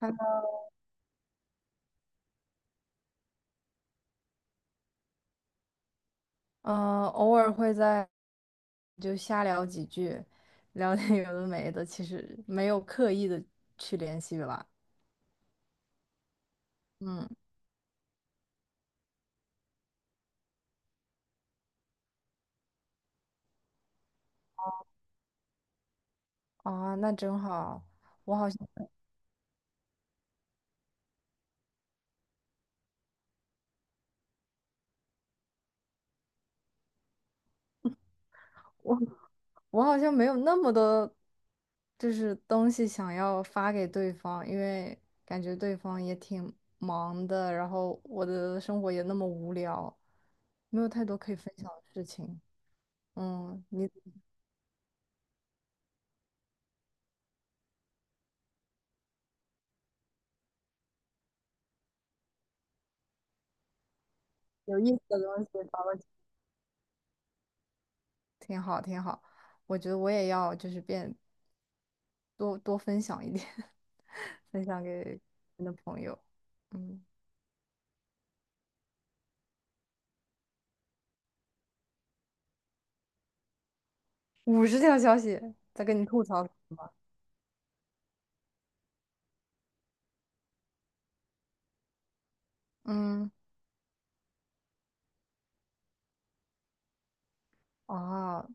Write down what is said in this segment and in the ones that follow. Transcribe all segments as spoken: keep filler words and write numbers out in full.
嗯，偶尔会在就瞎聊几句，聊点有的没的，其实没有刻意的去联系吧。嗯，啊，那真好。我好像我好像没有那么多，就是东西想要发给对方，因为感觉对方也挺忙的，然后我的生活也那么无聊，没有太多可以分享的事情。嗯，你有意思的东西找到挺好，挺好。我觉得我也要就是变多多分享一点，分享给你的朋友。嗯，五十条消息在跟你吐槽什么？嗯，哦，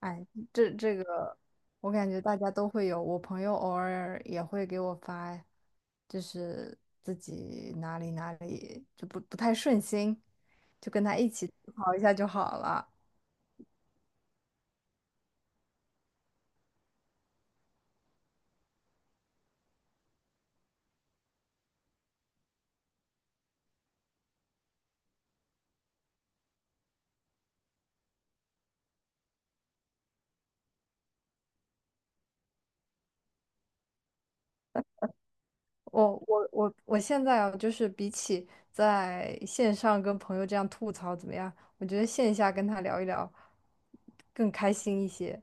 哎，这这个我感觉大家都会有，我朋友偶尔也会给我发，就是自己哪里哪里就不不太顺心，就跟他一起吐槽一下就好了。我我我我现在啊，就是比起在线上跟朋友这样吐槽怎么样，我觉得线下跟他聊一聊更开心一些。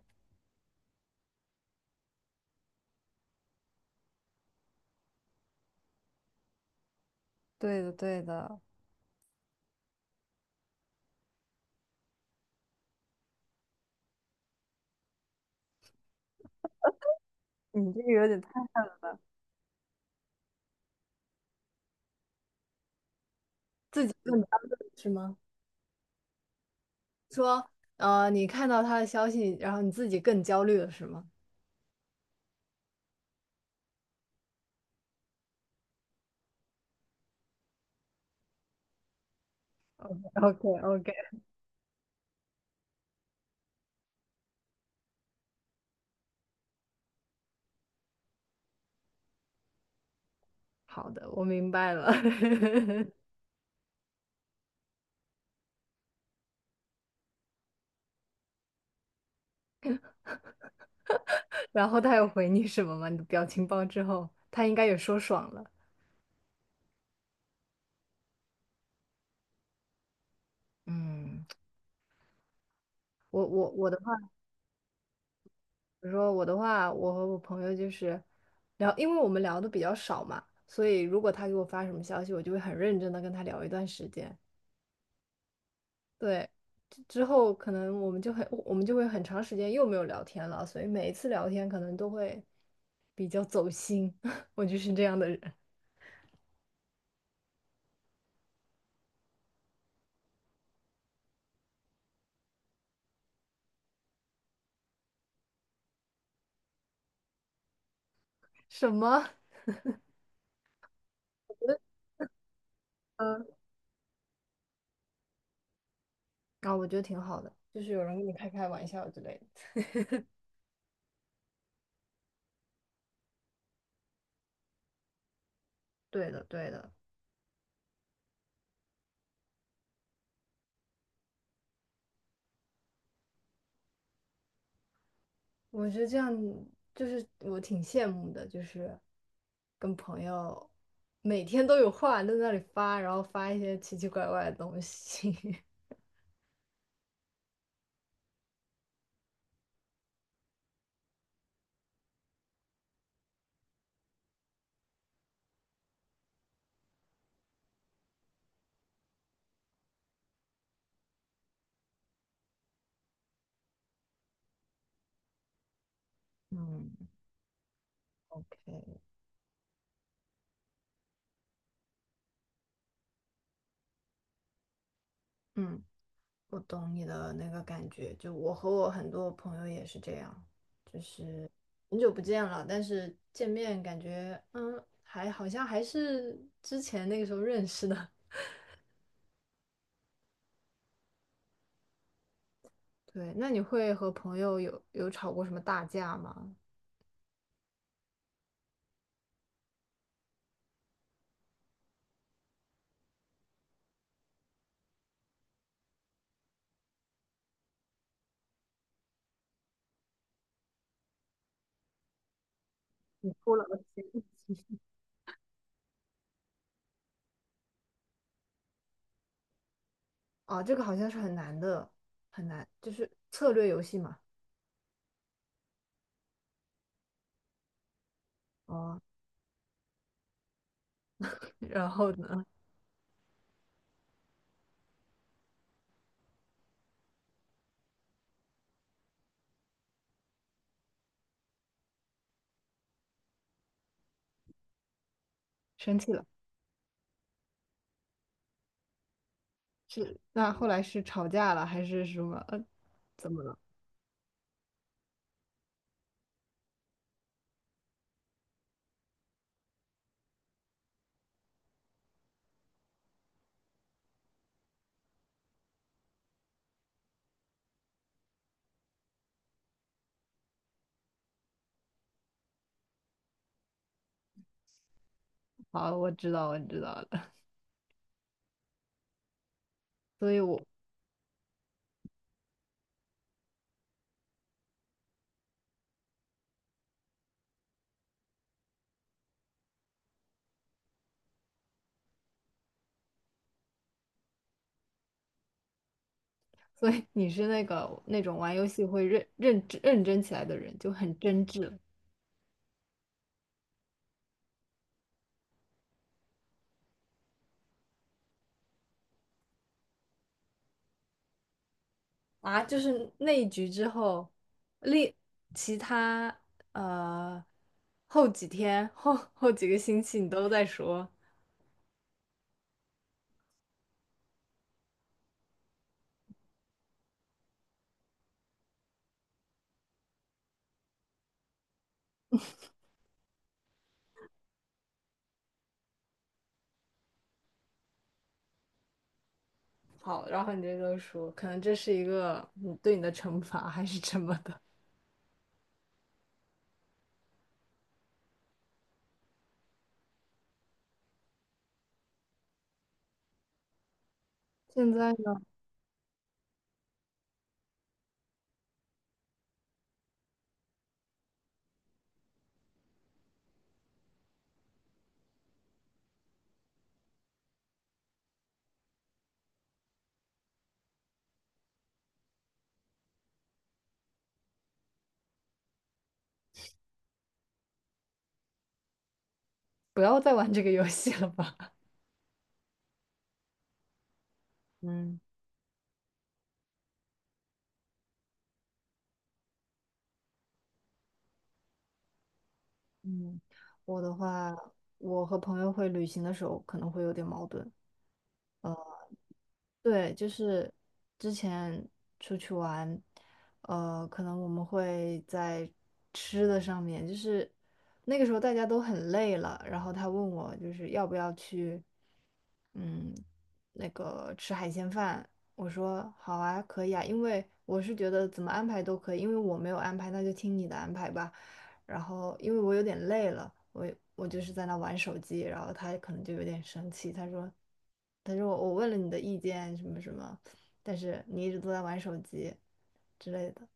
对的，对的，你这个有点太 自己更端了，是吗？说，呃，你看到他的消息，然后你自己更焦虑了，是吗？OK OK，好的，我明白了。然后他有回你什么吗？你的表情包之后，他应该也说爽了。嗯，我我我的话。比如说我的话，我和我朋友就是聊，因为我们聊的比较少嘛，所以如果他给我发什么消息，我就会很认真的跟他聊一段时间。对，之之后可能我们就很，我们就会很长时间又没有聊天了，所以每一次聊天可能都会比较走心。我就是这样的人。什么？嗯，啊，我觉得挺好的，就是有人跟你开开玩笑之类的。对的，对的。我觉得这样就是我挺羡慕的，就是跟朋友每天都有话在那里发，然后发一些奇奇怪怪的东西。嗯 o 嗯我懂你的那个感觉，就我和我很多朋友也是这样，很久不见了，但是见面感觉嗯，还好像还是之前那个时候认识的。对，那你会和朋友有有吵过什么大架吗？了。哦，这个好像是很难的，很难，就是策略游戏嘛。哦，然后呢，生气了，是，那后来是吵架了还是什么？呃，怎么了？好，我知道，我知道了。所以我，所以你是那个那种玩游戏会认认真认真起来的人，就很真挚啊。就是那一局之后，另其他呃后几天后后几个星期你都在说。好，然后你这就说，可能这是一个你对你的惩罚还是什么的。现在呢，不要再玩这个游戏了吧。嗯嗯，我的话，我和朋友会旅行的时候可能会有点矛盾。对，就是之前出去玩，呃，可能我们会在吃的上面，就是那个时候大家都很累了，然后他问我就是要不要去，嗯，那个吃海鲜饭，我说好啊，可以啊，因为我是觉得怎么安排都可以，因为我没有安排，那就听你的安排吧。然后因为我有点累了，我我就是在那玩手机，然后他可能就有点生气，他说，他说我问了你的意见什么什么，但是你一直都在玩手机之类的，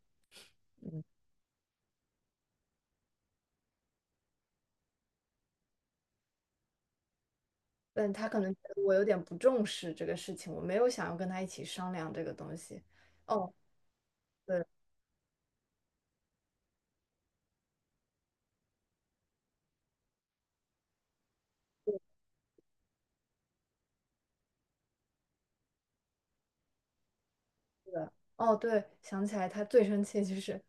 但他可能觉得我有点不重视这个事情，我没有想要跟他一起商量这个东西。哦，对，是的，哦，对，想起来他最生气就是。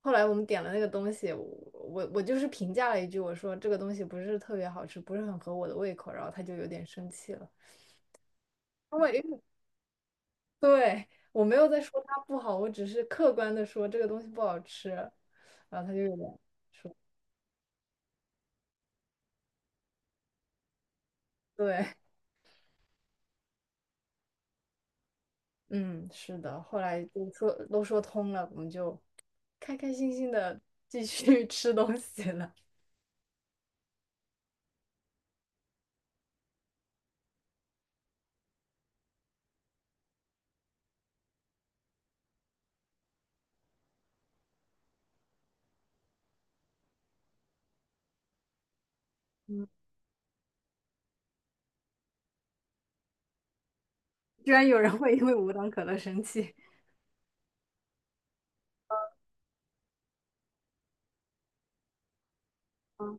后来我们点了那个东西，我我我就是评价了一句，我说这个东西不是特别好吃，不是很合我的胃口，然后他就有点生气了。因为对，我没有在说它不好，我只是客观的说这个东西不好吃，然后他就有点，对，嗯，是的，后来就说都说通了，我们就开开心心的继续 吃东西了。居然有人会因为无糖可乐生气，嗯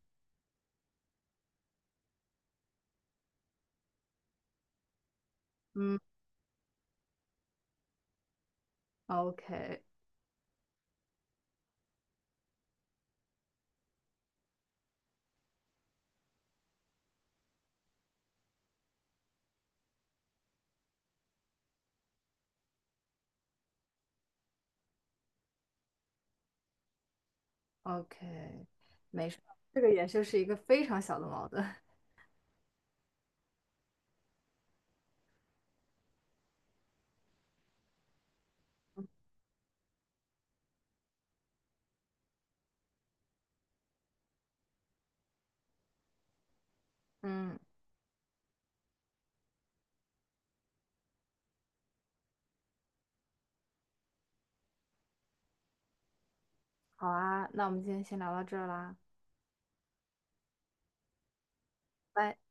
嗯，OK OK，没事儿这个也就是一个非常小的矛盾。嗯，好啊，那我们今天先聊到这儿啦。拜。